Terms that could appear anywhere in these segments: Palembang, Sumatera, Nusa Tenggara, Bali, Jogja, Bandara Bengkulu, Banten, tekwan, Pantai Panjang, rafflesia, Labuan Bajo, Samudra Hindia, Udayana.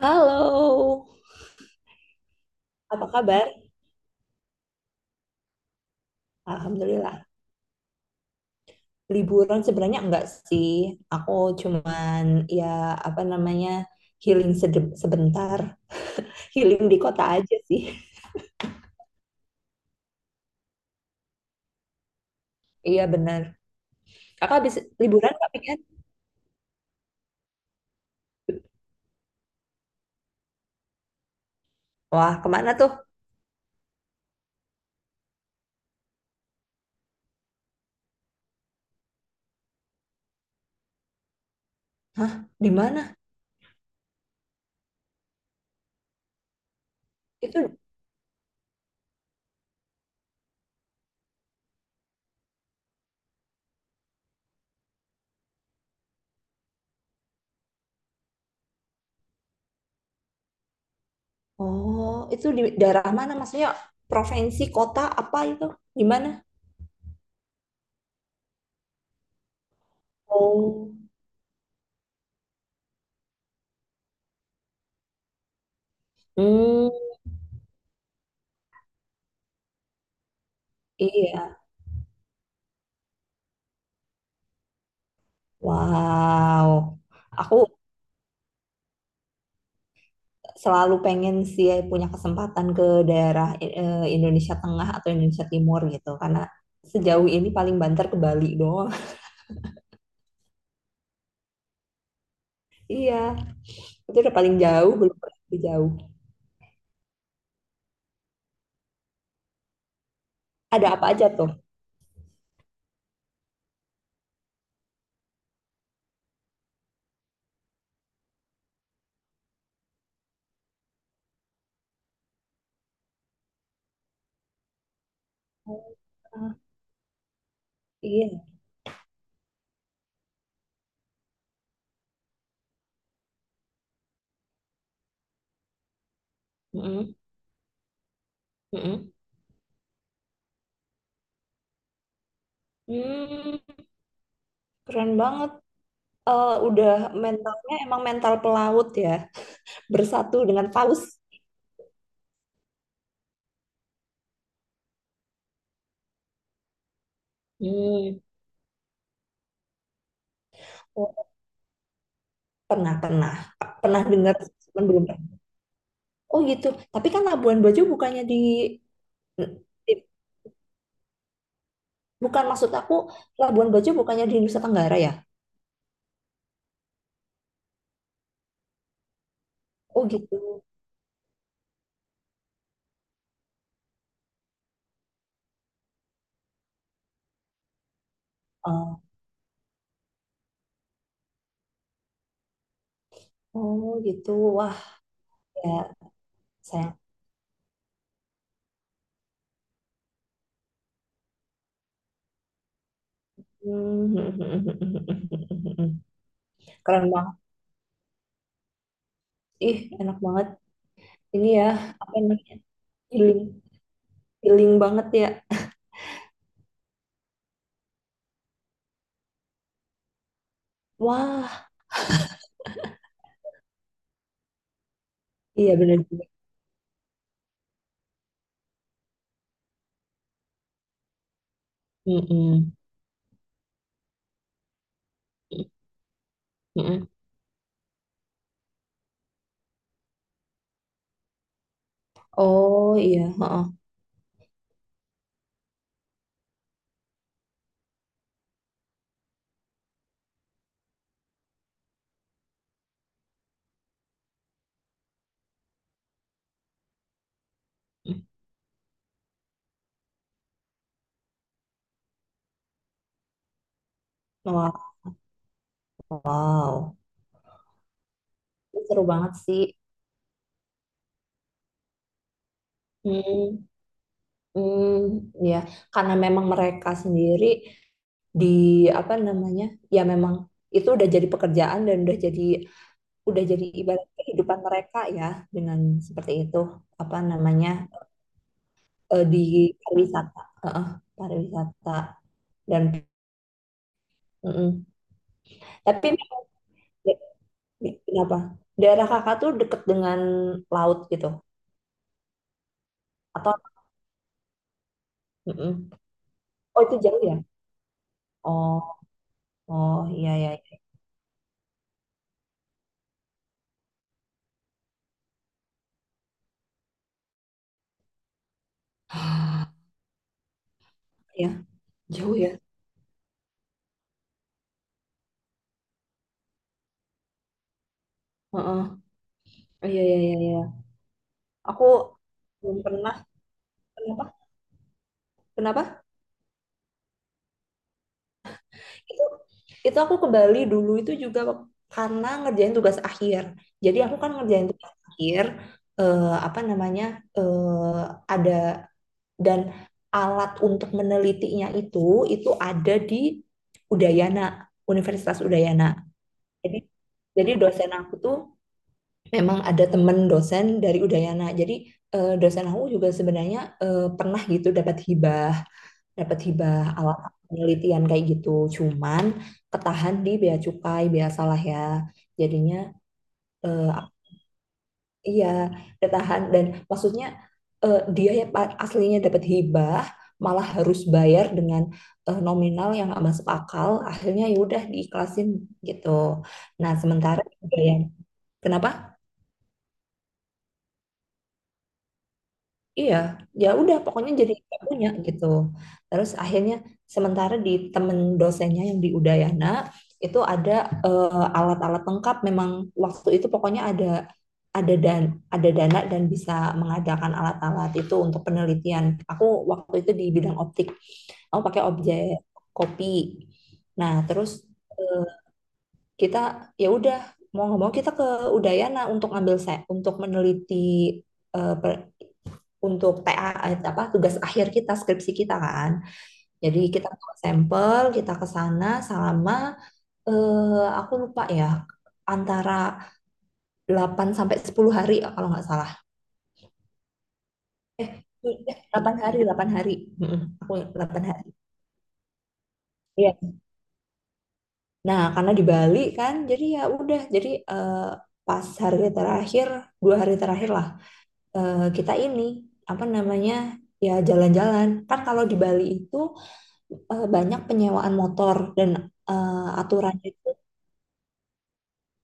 Halo, apa kabar? Alhamdulillah. Liburan sebenarnya enggak sih. Aku cuman ya apa namanya healing sebentar. Healing di kota aja sih. Iya benar. Kakak habis liburan Kak Pian? Wah, kemana tuh? Hah, di mana? Itu oh, itu di daerah mana? Maksudnya provinsi, kota apa itu? Di mana? Oh. Hmm, iya. Wow. Aku selalu pengen sih ya punya kesempatan ke daerah Indonesia Tengah atau Indonesia Timur gitu karena sejauh ini paling banter ke Bali doang. Iya, itu udah paling jauh, belum pernah lebih jauh. Ada apa aja tuh? Ah, iya. Mm-mm, mm-mm. Hmm, keren banget. Eh, udah, mentalnya emang mental pelaut ya, bersatu dengan paus. Hmm. Oh, pernah, pernah, pernah dengar, cuman belum pernah. Oh gitu, tapi kan Labuan Bajo bukannya di di Bukan, maksud aku, Labuan Bajo bukannya di Nusa Tenggara ya? Oh gitu. Oh, oh gitu. Wah, ya, sayang. Keren banget. Ih enak banget. Ini ya apa namanya? Healing, healing banget ya. Wah, iya bener juga. Mm-mm. Mm-mm. Oh iya. Heeh. Wah, wow. Seru banget sih. Hmm. Hmm, ya karena memang mereka sendiri di apa namanya, ya memang itu udah jadi pekerjaan dan udah jadi ibarat kehidupan mereka ya, dengan seperti itu, apa namanya, di pariwisata, heeh, pariwisata dan mhm, tapi kenapa? Daerah Kakak tuh deket dengan laut gitu? Atau mhm, oh itu jauh ya? Oh, oh, iya iya ya, jauh ya? Heeh, oh, iya iya iya iya. Aku belum pernah. Kenapa? Kenapa? Itu itu aku ke Bali dulu itu juga karena ngerjain tugas akhir. Jadi aku kan ngerjain tugas akhir, apa namanya, eh, ada dan alat untuk menelitinya itu ada di Udayana, Universitas Udayana. Jadi jadi dosen aku tuh memang ada temen dosen dari Udayana. Jadi dosen aku juga sebenarnya pernah gitu dapat hibah alat penelitian kayak gitu, cuman ketahan di bea cukai biasalah ya, jadinya eh, iya, ketahan, dan maksudnya dia ya aslinya dapat hibah malah harus bayar dengan nominal yang nggak masuk akal, akhirnya ya udah diikhlasin gitu. Nah sementara hibah yang kenapa... Iya, ya udah pokoknya jadi nggak punya gitu. Terus akhirnya sementara di temen dosennya yang di Udayana itu ada alat-alat lengkap. Memang waktu itu pokoknya ada dan ada dana dan bisa mengadakan alat-alat itu untuk penelitian. Aku waktu itu di bidang optik. Aku pakai objek kopi. Nah, terus eh, kita ya udah mau nggak mau kita ke Udayana untuk ngambil untuk meneliti untuk TA, apa, tugas akhir kita, skripsi kita kan. Jadi kita bawa sampel, kita ke sana selama aku lupa ya, antara 8 sampai 10 hari kalau nggak salah. Eh, eh, 8 hari, 8 hari. mm Aku 8 hari. Iya. Nah, karena di Bali kan, jadi ya udah, jadi pas hari terakhir, dua hari terakhir lah, kita ini, apa namanya, ya jalan-jalan. Kan kalau di Bali itu banyak penyewaan motor dan eh, aturannya itu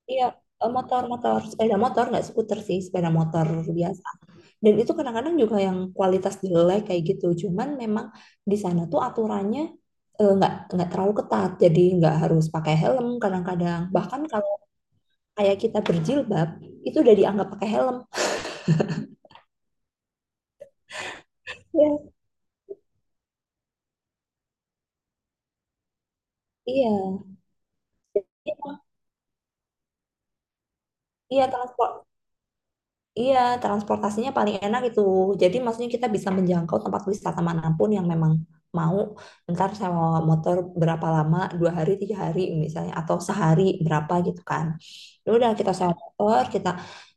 ya motor-motor, sepeda motor, nggak skuter sih, sepeda motor biasa, dan itu kadang-kadang juga yang kualitas jelek kayak gitu, cuman memang di sana tuh aturannya nggak terlalu ketat, jadi nggak harus pakai helm kadang-kadang, bahkan kalau kayak kita berjilbab itu udah dianggap pakai helm. Iya, iya, iya, iya, transport... Iya, transportasinya paling enak itu. Jadi maksudnya kita bisa menjangkau tempat wisata manapun yang memang mau. Ntar sewa motor berapa lama, 2 hari, 3 hari misalnya, atau sehari berapa gitu kan. Ya udah kita sewa motor, kita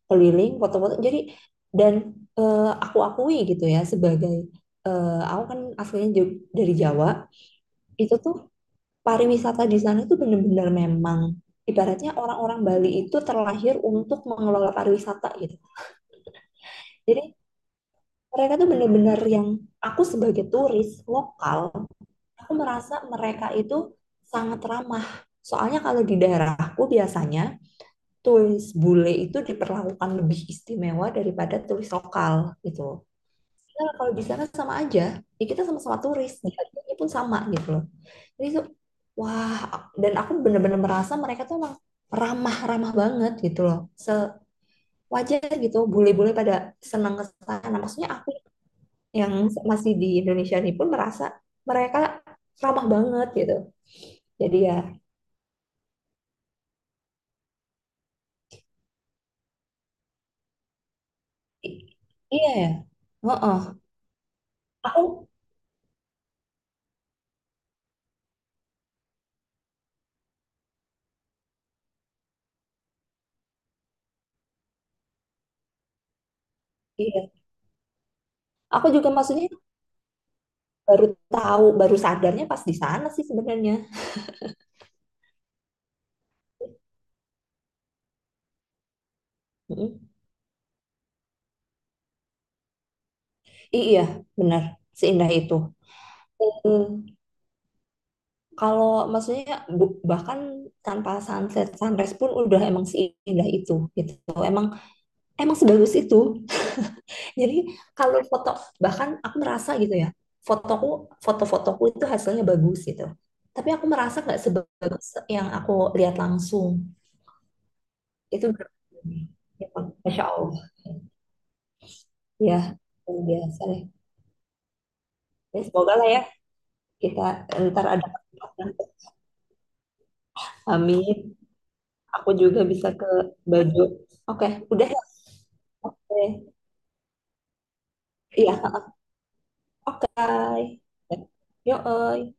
keliling, foto-foto. Jadi dan aku akui gitu ya, sebagai aku kan aslinya dari Jawa, itu tuh pariwisata di sana itu benar-benar memang, ibaratnya orang-orang Bali itu terlahir untuk mengelola pariwisata gitu. Jadi mereka tuh bener-bener yang, aku sebagai turis lokal, aku merasa mereka itu sangat ramah, soalnya kalau di daerahku biasanya turis bule itu diperlakukan lebih istimewa daripada turis lokal gitu. Padahal kalau di sana sama aja, ya kita sama-sama turis, dihargainya pun sama gitu loh. Jadi tuh wah, dan aku bener-bener merasa mereka tuh emang ramah-ramah banget gitu loh, sewajar gitu bule-bule pada senang ke sana, maksudnya aku yang masih di Indonesia ini pun merasa mereka ramah banget gitu. Jadi ya, i- iya ya. Heeh. Aku, iya. Aku juga maksudnya baru tahu, baru sadarnya pas di sana sih sebenarnya. Mm-mm. Iya, benar. Seindah itu. Mm. Kalau maksudnya bahkan tanpa sunset sunrise pun udah emang seindah itu gitu. Emang emang sebagus itu. Jadi kalau foto, bahkan aku merasa gitu ya, fotoku foto-fotoku itu hasilnya bagus gitu. Tapi aku merasa nggak sebagus yang aku lihat langsung. Itu berarti ya, Masya Allah. Ya, luar biasa deh. Ya, semoga lah ya kita ntar ada kesempatan. Amin. Aku juga bisa ke baju. Oke, udah ya. Oke. Iya, oke. Yo, oi.